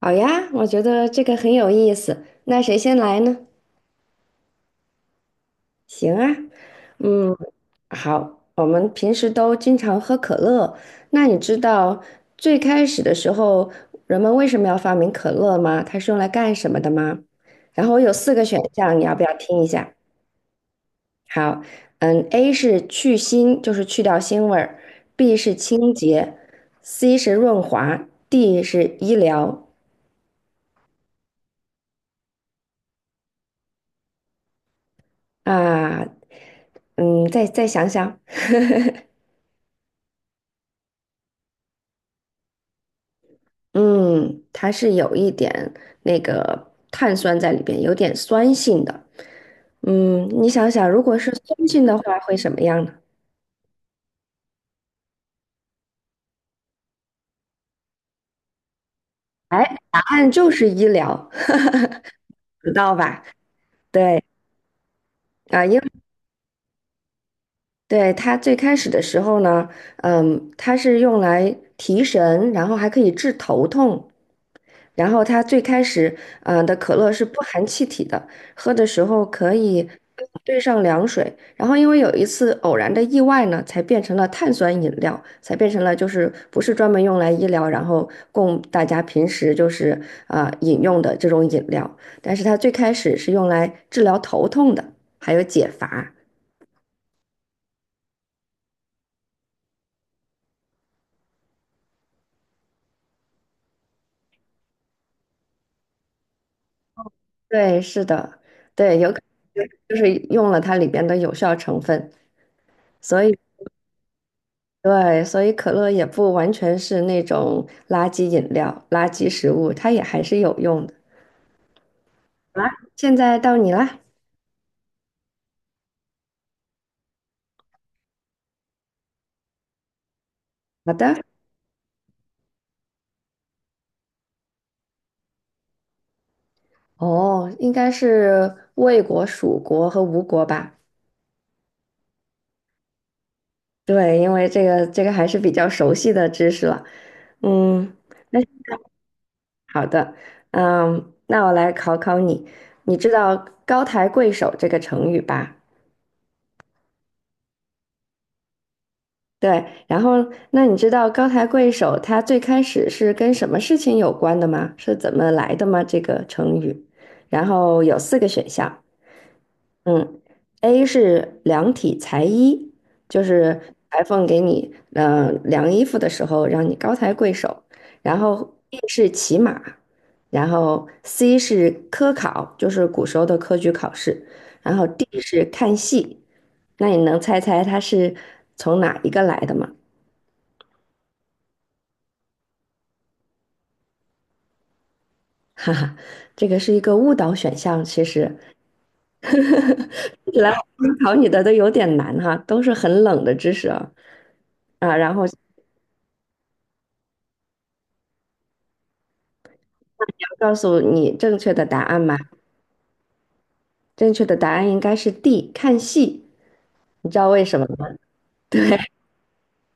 好呀，我觉得这个很有意思。那谁先来呢？行啊，嗯，好，我们平时都经常喝可乐。那你知道最开始的时候人们为什么要发明可乐吗？它是用来干什么的吗？然后我有四个选项，你要不要听一下？好，嗯，A 是去腥，就是去掉腥味儿；B 是清洁；C 是润滑；D 是医疗。啊，嗯，再想想。嗯，它是有一点那个碳酸在里边，有点酸性的。嗯，你想想，如果是酸性的话，会什么样呢？答案就是医疗，知道吧？对啊，因为对它最开始的时候呢，嗯，它是用来提神，然后还可以治头痛。然后它最开始，的可乐是不含气体的，喝的时候可以兑上凉水。然后因为有一次偶然的意外呢，才变成了碳酸饮料，才变成了就是不是专门用来医疗，然后供大家平时就是饮用的这种饮料。但是它最开始是用来治疗头痛的，还有解乏。对，是的，对，有可能就是用了它里边的有效成分，所以。对，所以可乐也不完全是那种垃圾饮料、垃圾食物，它也还是有用的。现在到你啦，好的，哦，应该是魏国、蜀国和吴国吧？对，因为这个这个还是比较熟悉的知识了。嗯，那好的，嗯，那我来考考你，你知道"高抬贵手"这个成语吧？对，然后那你知道高抬贵手它最开始是跟什么事情有关的吗？是怎么来的吗？这个成语，然后有四个选项，嗯，A 是量体裁衣，就是裁缝给你嗯量衣服的时候让你高抬贵手，然后 B 是骑马，然后 C 是科考，就是古时候的科举考试，然后 D 是看戏，那你能猜猜它是从哪一个来的吗？哈哈，这个是一个误导选项。其实一来我考你的都有点难哈，都是很冷的知识啊。啊，然后要告诉你正确的答案嘛？正确的答案应该是 D,看戏。你知道为什么吗？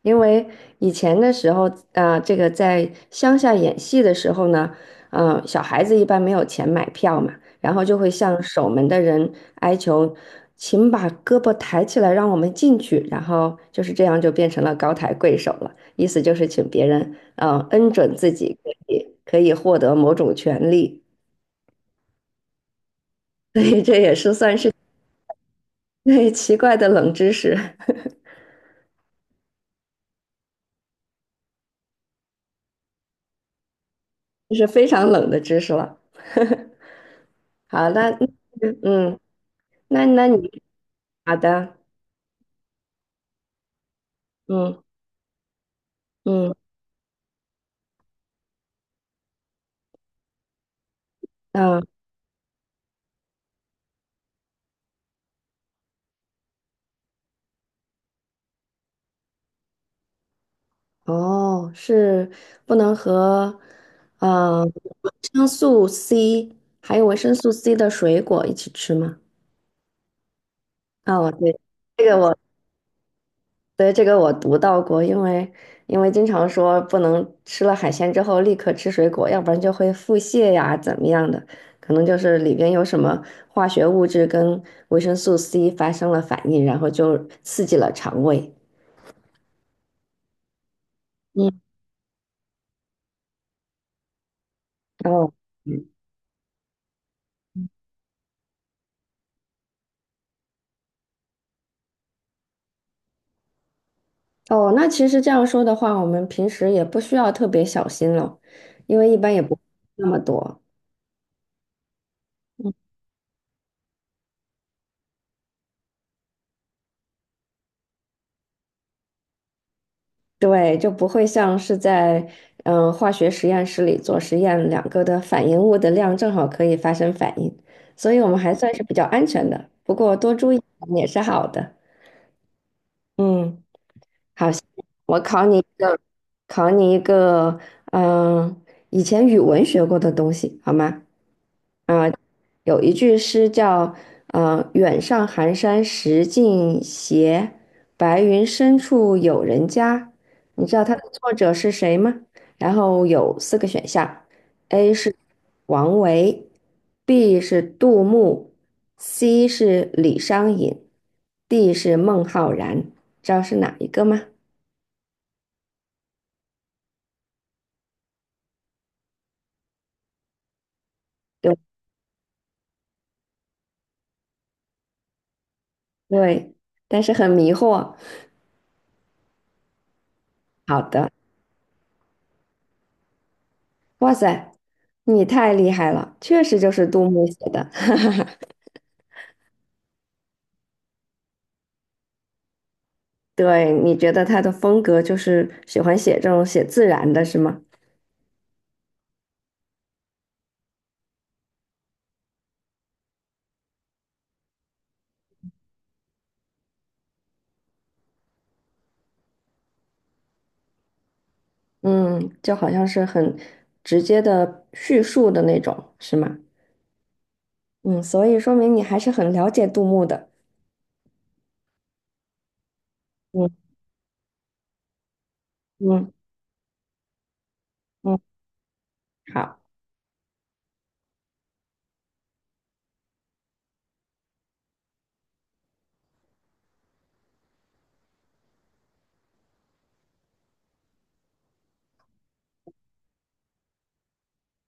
因为以前的时候，啊、这个在乡下演戏的时候呢，嗯、小孩子一般没有钱买票嘛，然后就会向守门的人哀求，请把胳膊抬起来，让我们进去。然后就是这样，就变成了高抬贵手了，意思就是请别人，嗯、恩准自己可以获得某种权利，所以这也是算是对奇怪的冷知识，这是非常冷的知识了。好的。嗯。那你好的，嗯嗯嗯，哦，是不能和维生素 C 还有维生素 C 的水果一起吃吗？哦，对，这个我对这个我读到过，因为因为经常说不能吃了海鲜之后立刻吃水果，要不然就会腹泻呀，怎么样的，可能就是里边有什么化学物质跟维生素 C 发生了反应，然后就刺激了肠胃。嗯。哦嗯，哦，那其实这样说的话，我们平时也不需要特别小心了，因为一般也不那么多，对，就不会像是在化学实验室里做实验，两个的反应物的量正好可以发生反应，所以我们还算是比较安全的。不过多注意也是好的。嗯，好，我考你一个，考你一个，嗯、以前语文学过的东西，好吗？啊，有一句诗叫“远上寒山石径斜，白云深处有人家"。你知道它的作者是谁吗？然后有四个选项：A 是王维，B 是杜牧，C 是李商隐，D 是孟浩然。知道是哪一个吗？有对，但是很迷惑。好的，哇塞，你太厉害了，确实就是杜牧写的。对，你觉得他的风格就是喜欢写这种写自然的，是吗？嗯，就好像是很直接的叙述的那种，是吗？嗯，所以说明你还是很了解杜牧的。嗯嗯嗯，好，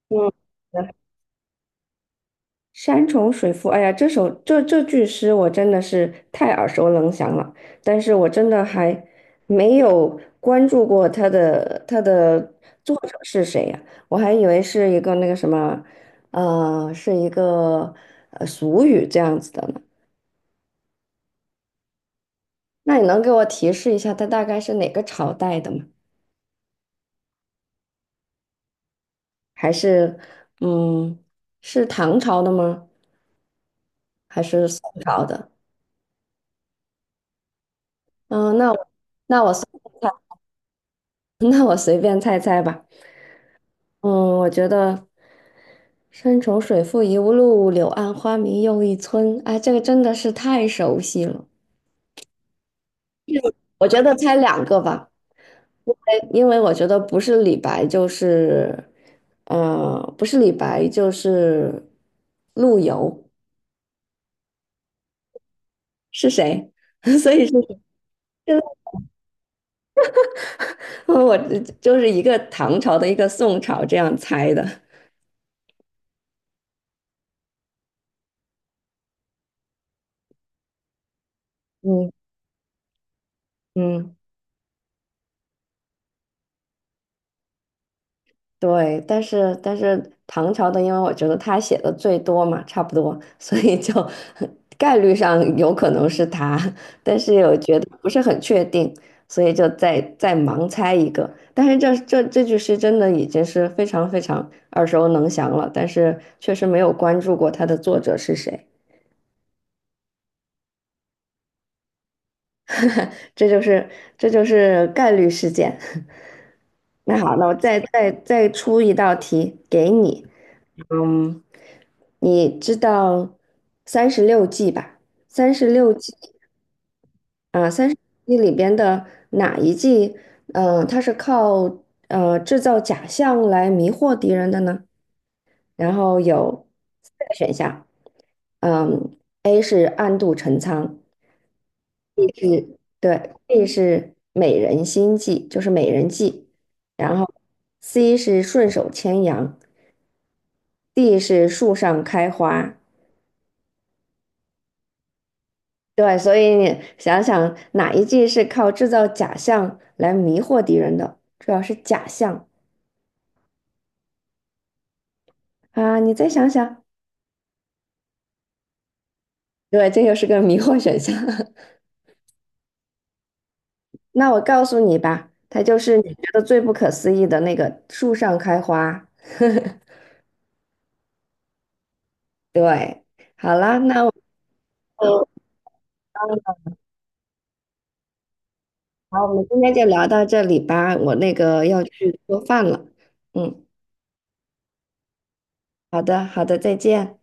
嗯，山重水复，哎呀，这首这这句诗我真的是太耳熟能详了，但是我真的还没有关注过他的作者是谁呀，我还以为是一个那个什么，呃，是一个俗语这样子的呢。那你能给我提示一下，他大概是哪个朝代的吗？还是嗯，是唐朝的吗？还是宋朝的？嗯，那我随便猜 那我随便猜猜吧。嗯，我觉得"山重水复疑无路，柳暗花明又一村"，哎，这个真的是太熟悉了。哎因为我觉得不是李白就是，呃，不是李白就是陆游，是谁？所以是，我就是一个唐朝的一个宋朝这样猜的。嗯嗯。对，但是唐朝的，因为我觉得他写的最多嘛，差不多，所以就 概率上有可能是他，但是我觉得不是很确定，所以就再盲猜一个。但是这句诗真的已经是非常非常耳熟能详了，但是确实没有关注过它的作者是谁，这就是这就是概率事件。那好，那我再出一道题给你，嗯，你知道三十六计吧？三十六计啊，三十六计里边的哪一计？嗯、它是靠制造假象来迷惑敌人的呢？然后有四个选项，嗯，A 是暗度陈仓，B 是对，B 是美人心计，就是美人计，然后 C 是顺手牵羊，D 是树上开花。对，所以你想想哪一季是靠制造假象来迷惑敌人的，主要是假象啊，你再想想，对，这又是个迷惑选项。那我告诉你吧，它就是你觉得最不可思议的那个树上开花。对，好啦，那我们就好，我们今天就聊到这里吧，我那个要去做饭了。嗯，好的，好的，再见。